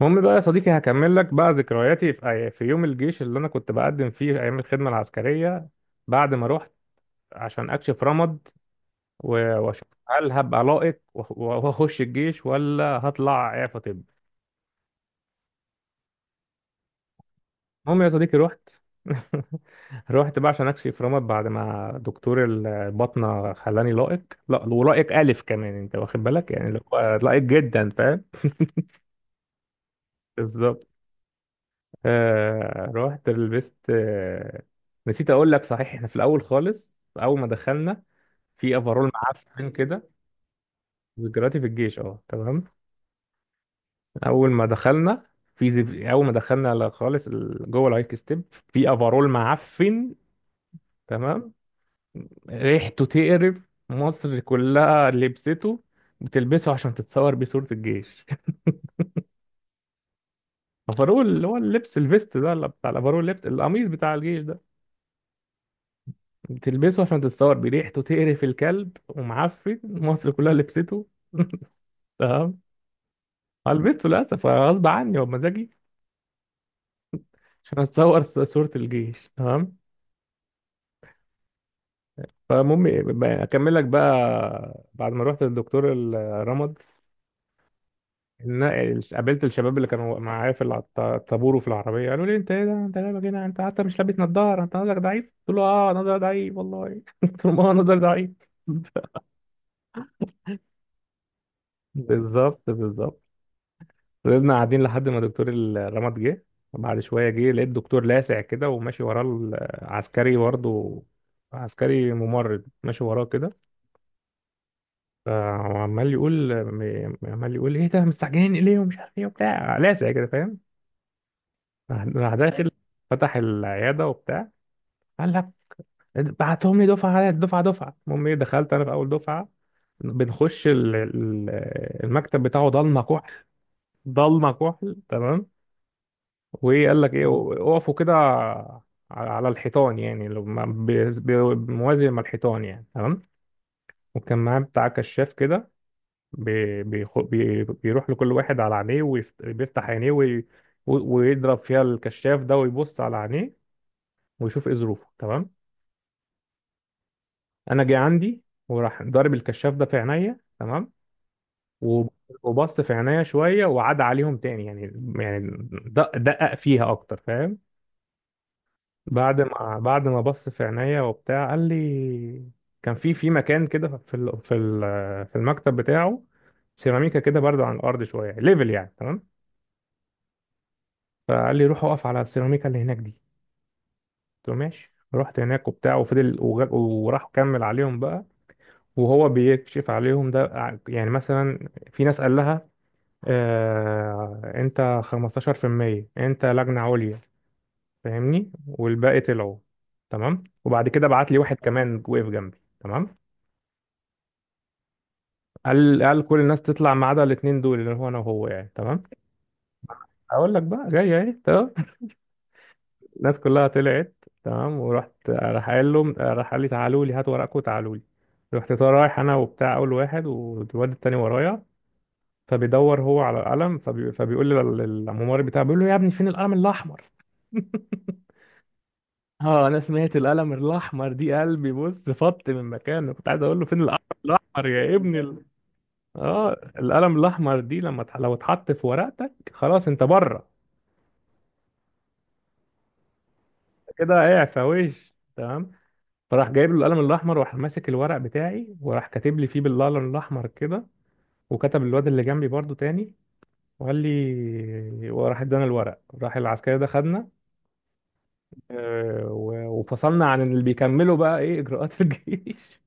المهم بقى يا صديقي، هكمل لك بقى ذكرياتي في في يوم الجيش اللي انا كنت بقدم فيه ايام الخدمه العسكريه. بعد ما رحت عشان اكشف رمد واشوف هل هبقى لائق واخش الجيش ولا هطلع اعفى؟ طب. المهم يا صديقي رحت. رحت بقى عشان اكشف رمد بعد ما دكتور الباطنه خلاني لائق. لا، ولائق الف كمان، انت واخد بالك؟ يعني اللي هو لائق جدا، فاهم؟ بالظبط. رحت لبست. نسيت اقول لك، صحيح، احنا في الاول خالص، اول ما دخلنا في افرول معفن كده. ذكرياتي في الجيش، اه، تمام. اول ما دخلنا في زف... اول ما دخلنا ل- خالص جوه الهايك ستيب في افرول معفن. تمام. ريحته تقرف، مصر كلها لبسته. بتلبسه عشان تتصور بيه صورة الجيش. افرول، اللي هو اللبس الفيست ده، اللي بتاع الافرول، اللبس، القميص بتاع الجيش ده. بتلبسه عشان تتصور، بريحته تقرف الكلب ومعفن، مصر كلها لبسته. تمام. هلبسته للاسف، غصب عني وبمزاجي، عشان اتصور صورة الجيش. تمام. فالمهم، اكمل لك بقى بعد ما رحت للدكتور الرمد. قابلت الشباب اللي كانوا معايا في الطابور وفي العربيه، قالوا لي: انت ايه ده؟ انت لابس هنا، انت حتى مش لابس نظاره، انت نظرك ضعيف. قلت له: اه نظري ضعيف والله. قلت لهم: اه نظري ضعيف. بالظبط بالظبط. فضلنا قاعدين لحد ما دكتور الرمد جه. وبعد شوية جه، لقيت دكتور لاسع كده، وماشي وراه العسكري برضه، عسكري ممرض ماشي وراه كده. فعمال يقول عمال يقول: ايه ده مستعجلين ليه، ومش عارف ايه وبتاع، لاسع كده، فاهم؟ راح داخل. فتح العيادة وبتاع، قال لك: بعتهم لي دفعة على دفعة. المهم ايه، دخلت انا في اول دفعة. بنخش المكتب بتاعه ضلمة كحل، ضلمة كحل. تمام. وايه قال لك ايه: اقفوا كده على الحيطان، يعني لو موازي مع الحيطان يعني. تمام. وكان معاه بتاع كشاف كده، بيروح لكل واحد على عينيه وبيفتح عينيه ويضرب فيها الكشاف ده ويبص على عينيه ويشوف ايه ظروفه. تمام. انا جه عندي، وراح ضارب الكشاف ده في عينيا. تمام. وب- وبص في عينيا شويه وعاد عليهم تاني يعني، يعني دقق فيها اكتر، فاهم؟ بعد ما بص في عينيا وبتاع، قال لي. كان في مكان كده، في المكتب بتاعه سيراميكا كده برضه، عن الارض شويه ليفل يعني. تمام. فقال لي: روح اقف على السيراميكا اللي هناك دي. قلت له ماشي. رحت هناك وبتاع، وفضل وراح كمل عليهم بقى. وهو بيكشف عليهم ده، يعني مثلا في ناس قال لها: آه انت 15%، انت لجنه عليا، فاهمني؟ والباقي طلعوا. تمام. وبعد كده بعت لي واحد كمان، وقف جنبي. تمام. قال: كل الناس تطلع ما عدا الاتنين دول، اللي هو انا وهو يعني. تمام. اقول لك بقى، جاي اهي. تمام. الناس كلها طلعت. تمام. ورحت، راح قال لي: تعالوا لي، هاتوا ورقكم، تعالوا لي. رحت طالع رايح انا وبتاع، اول واحد والواد التاني ورايا. فبيدور هو على القلم، فبيقول لي الممرض بتاعه، بيقول له: يا ابني فين القلم الاحمر؟ اه، انا سمعت القلم الاحمر دي قلبي بص فط من مكانه، كنت عايز اقول له: فين القلم الاحمر يا ابني. اه. القلم الاحمر دي لما لو اتحط في ورقتك، خلاص انت بره، كده اعفى وش. تمام. فراح جايب له القلم الاحمر، وراح ماسك الورق بتاعي، وراح كاتب لي فيه بالقلم الاحمر كده. وكتب الواد اللي جنبي برضو تاني، وقال لي، وراح ادانا الورق. راح العسكري ده خدنا. وفصلنا عن اللي بيكملوا بقى ايه اجراءات الجيش.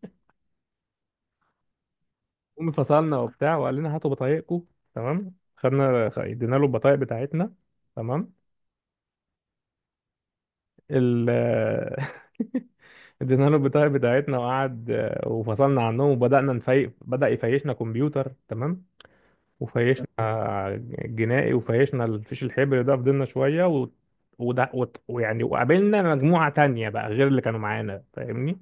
المهم فصلنا وبتاع، وقال لنا: هاتوا بطايقكم. تمام. ادينا له البطايق بتاعتنا. تمام. ال ادينا له البطاقة بتاعتنا وقعد. وفصلنا عنهم، بدأ يفيشنا كمبيوتر. تمام. وفيشنا جنائي، وفيشنا الفيش الحبر ده. فضلنا شوية وده وت... ويعني وقابلنا مجموعة تانية بقى غير اللي كانوا معانا، فاهمني؟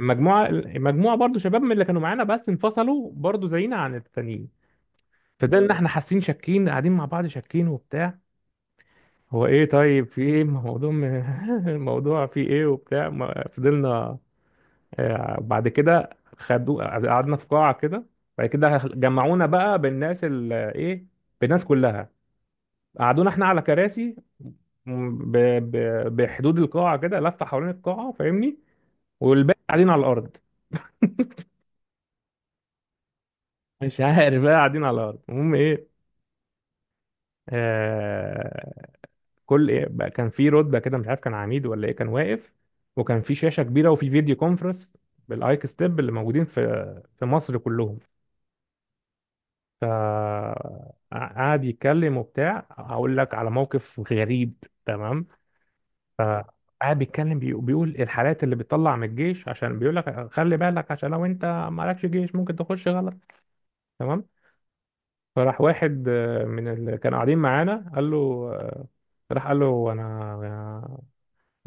المجموعة برضو شباب من اللي كانوا معانا، بس انفصلوا برضو زينا عن التانيين. فضلنا احنا حاسين شاكين، قاعدين مع بعض شاكين وبتاع، هو ايه؟ طيب، في ايه موضوع الموضوع في ايه وبتاع؟ ما فضلنا. بعد كده خدوا، قعدنا في قاعة كده. بعد كده جمعونا بقى بالناس ال... ايه بالناس كلها. قعدونا احنا على كراسي م- ب... ب... بحدود القاعة كده، لفة حوالين القاعة، فاهمني؟ والباقي قاعدين على الأرض، مش عارف بقى، قاعدين على الأرض. المهم ايه، آه، كل إيه بقى، كان في رتبه كده، مش عارف كان عميد ولا ايه، كان واقف. وكان في شاشه كبيره، وفي فيديو كونفرنس بالايك ستيب اللي موجودين في مصر كلهم. قعد يتكلم وبتاع، هقول لك على موقف غريب. تمام. فقعد بيتكلم، بيقول الحالات اللي بتطلع من الجيش، عشان بيقول لك خلي بالك، عشان لو انت مالكش جيش ممكن تخش غلط. تمام. فراح واحد من اللي كانوا قاعدين معانا قال له، آه، راح قال له: انا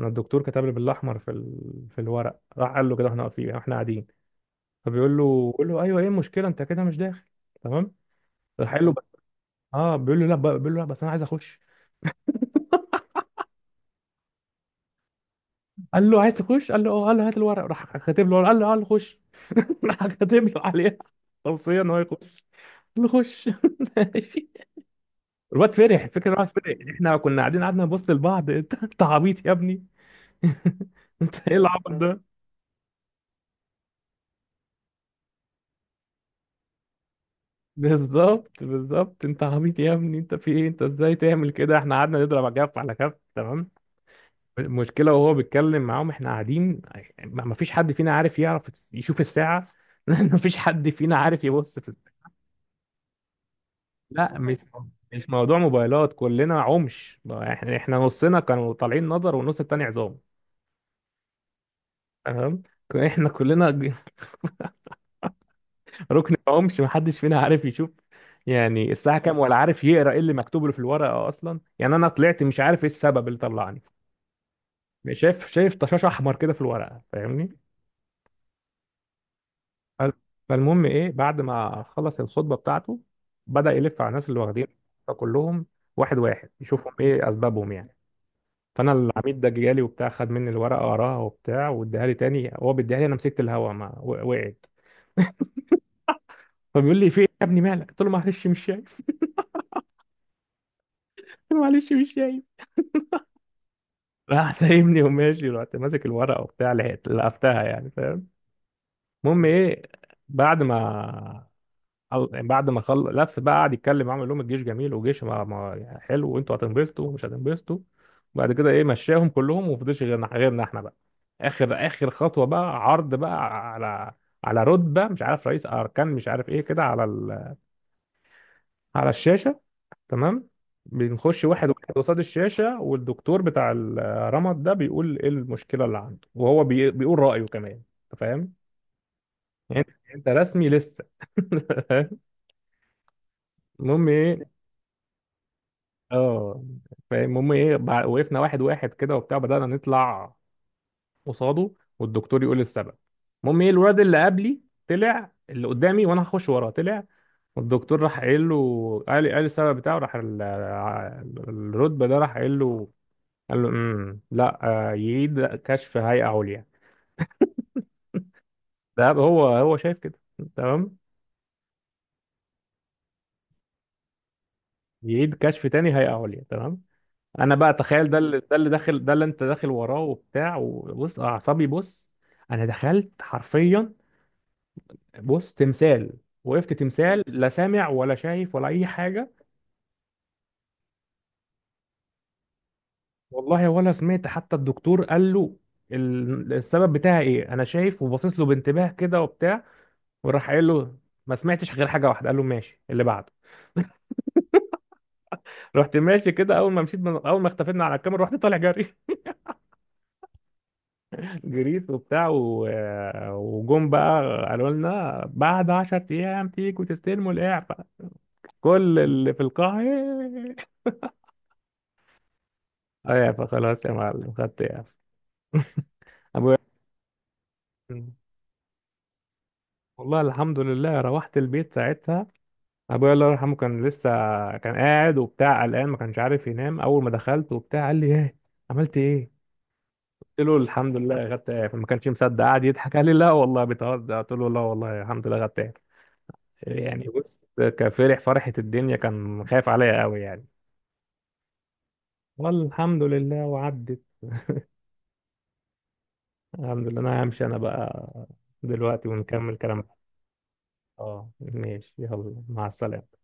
انا الدكتور كتب لي بالاحمر في الورق. راح قال له: كده احنا واقفين يعني، احنا قاعدين. فبيقول له بيقول له: ايوه، ايه المشكله؟ انت كده مش داخل. تمام. راح قال له: بس. اه، بيقول له: لا بس انا عايز اخش. قال له: عايز تخش؟ قال له: اه. قال له: هات الورق. راح كاتب له. قال له قال له آه، خش. راح كاتب له عليها توصيه ان هو يخش، قال له خش. ماشي. الواد فرح، الفكره إن الواد فرح، احنا كنا قاعدين قعدنا نبص لبعض. انت عبيط يا ابني. انت ايه العبط ده؟ بالظبط بالظبط، انت عبيط يا ابني، انت في ايه، انت ازاي تعمل كده؟ احنا قعدنا نضرب على كف على كف. تمام. المشكله، وهو بيتكلم معاهم احنا قاعدين، ما فيش حد فينا عارف يعرف يشوف الساعه. لان ما فيش حد فينا عارف يبص في الساعه. لا، مش موضوع موبايلات، كلنا عمش. احنا نصنا كانوا طالعين نظر، والنص التاني عظام. تمام. احنا كلنا ركن عمش، ما حدش فينا عارف يشوف يعني الساعة كام، ولا عارف يقرأ ايه اللي مكتوب له في الورقة أصلا، يعني أنا طلعت مش عارف ايه السبب اللي طلعني. شايف؟ شايف طشاش احمر كده في الورقه، فاهمني؟ فال- فالمهم ايه، بعد ما خلص الخطبه بتاعته، بدا يلف على الناس اللي واخدين، فكلهم واحد واحد يشوفهم ايه اسبابهم يعني. فانا العميد ده جالي وبتاع، خد مني الورقه قراها وبتاع، واداها لي تاني. هو بيديها لي، انا مسكت الهوا ما و- وقعت. فبيقول لي: في ايه يا ابني مالك؟ قلت له: معلش مش شايف. قلت له: معلش مش شايف. راح سايبني وماشي. رحت ماسك الورقه وبتاع، لحقت لقفتها يعني، فاهم؟ المهم ايه، بعد ما خلص لف بقى، قعد يتكلم معاهم يقول لهم الجيش جميل، وجيش ما يعني حلو، وانتوا هتنبسطوا ومش هتنبسطوا. وبعد كده ايه مشاهم كلهم، ومفضلش غيرنا، غيرنا احنا بقى. اخر اخر خطوه بقى، عرض بقى على على رتبه، مش عارف رئيس اركان مش عارف ايه، كده على الشاشه. تمام. بنخش واحد واحد قصاد الشاشه، والدكتور بتاع الرمد ده بيقول ايه المشكله اللي عنده، وهو بيقول رايه كمان. انت فاهم؟ يعني انت رسمي لسه. المهم ايه، اه فاهم. المهم ايه، وقفنا واحد واحد كده وبتاع، بدأنا نطلع قصاده، والدكتور يقول السبب. المهم ايه، الواد اللي قبلي طلع، اللي قدامي وانا هخش وراه، طلع. والدكتور راح قايل له، قال السبب بتاعه، راح الرتبه ده راح قايل له، قال له: لا، يعيد كشف هيئه عليا. ده هو شايف كده. تمام. يعيد كشف تاني هيئه عليا. تمام. انا بقى تخيل، ده اللي انت داخل وراه وبتاع، وبص اعصابي، بص. انا دخلت حرفيا، بص، تمثال. وقفت تمثال، لا سامع ولا شايف ولا اي حاجه. والله ولا سمعت حتى الدكتور قال له السبب بتاعي ايه، انا شايف وباصص له بانتباه كده وبتاع، وراح قايل له. ما سمعتش غير حاجه واحده، قال له: ماشي، اللي بعده. رحت ماشي كده، اول ما مشيت، من اول ما اختفينا على الكاميرا، رحت طالع جري. جريت وبتاع وجم بقى قالوا لنا: بعد 10 ايام تيجوا تستلموا الاعفاء. كل اللي في القاعه: "إيه". اعفاء خلاص يا معلم، خدت اعفاء. ابويا والله الحمد لله، روحت البيت ساعتها. ابويا الله يرحمه كان لسه كان قاعد وبتاع قلقان، ما كانش عارف ينام. اول ما دخلت وبتاع قال لي: ايه، عملت ايه؟ قلت له: الحمد لله، خدت اعفاء. ما كانش مصدق، قعد يضحك قال لي: لا والله بتهزر. قلت له: لا والله، الحمد لله خدت اعفاء. يعني بص، كفرح فرحة الدنيا، كان خايف عليا قوي يعني. والحمد لله وعدت. الحمد لله، انا همشي انا بقى دلوقتي، ونكمل كلام. اه ماشي، يلا مع السلامة.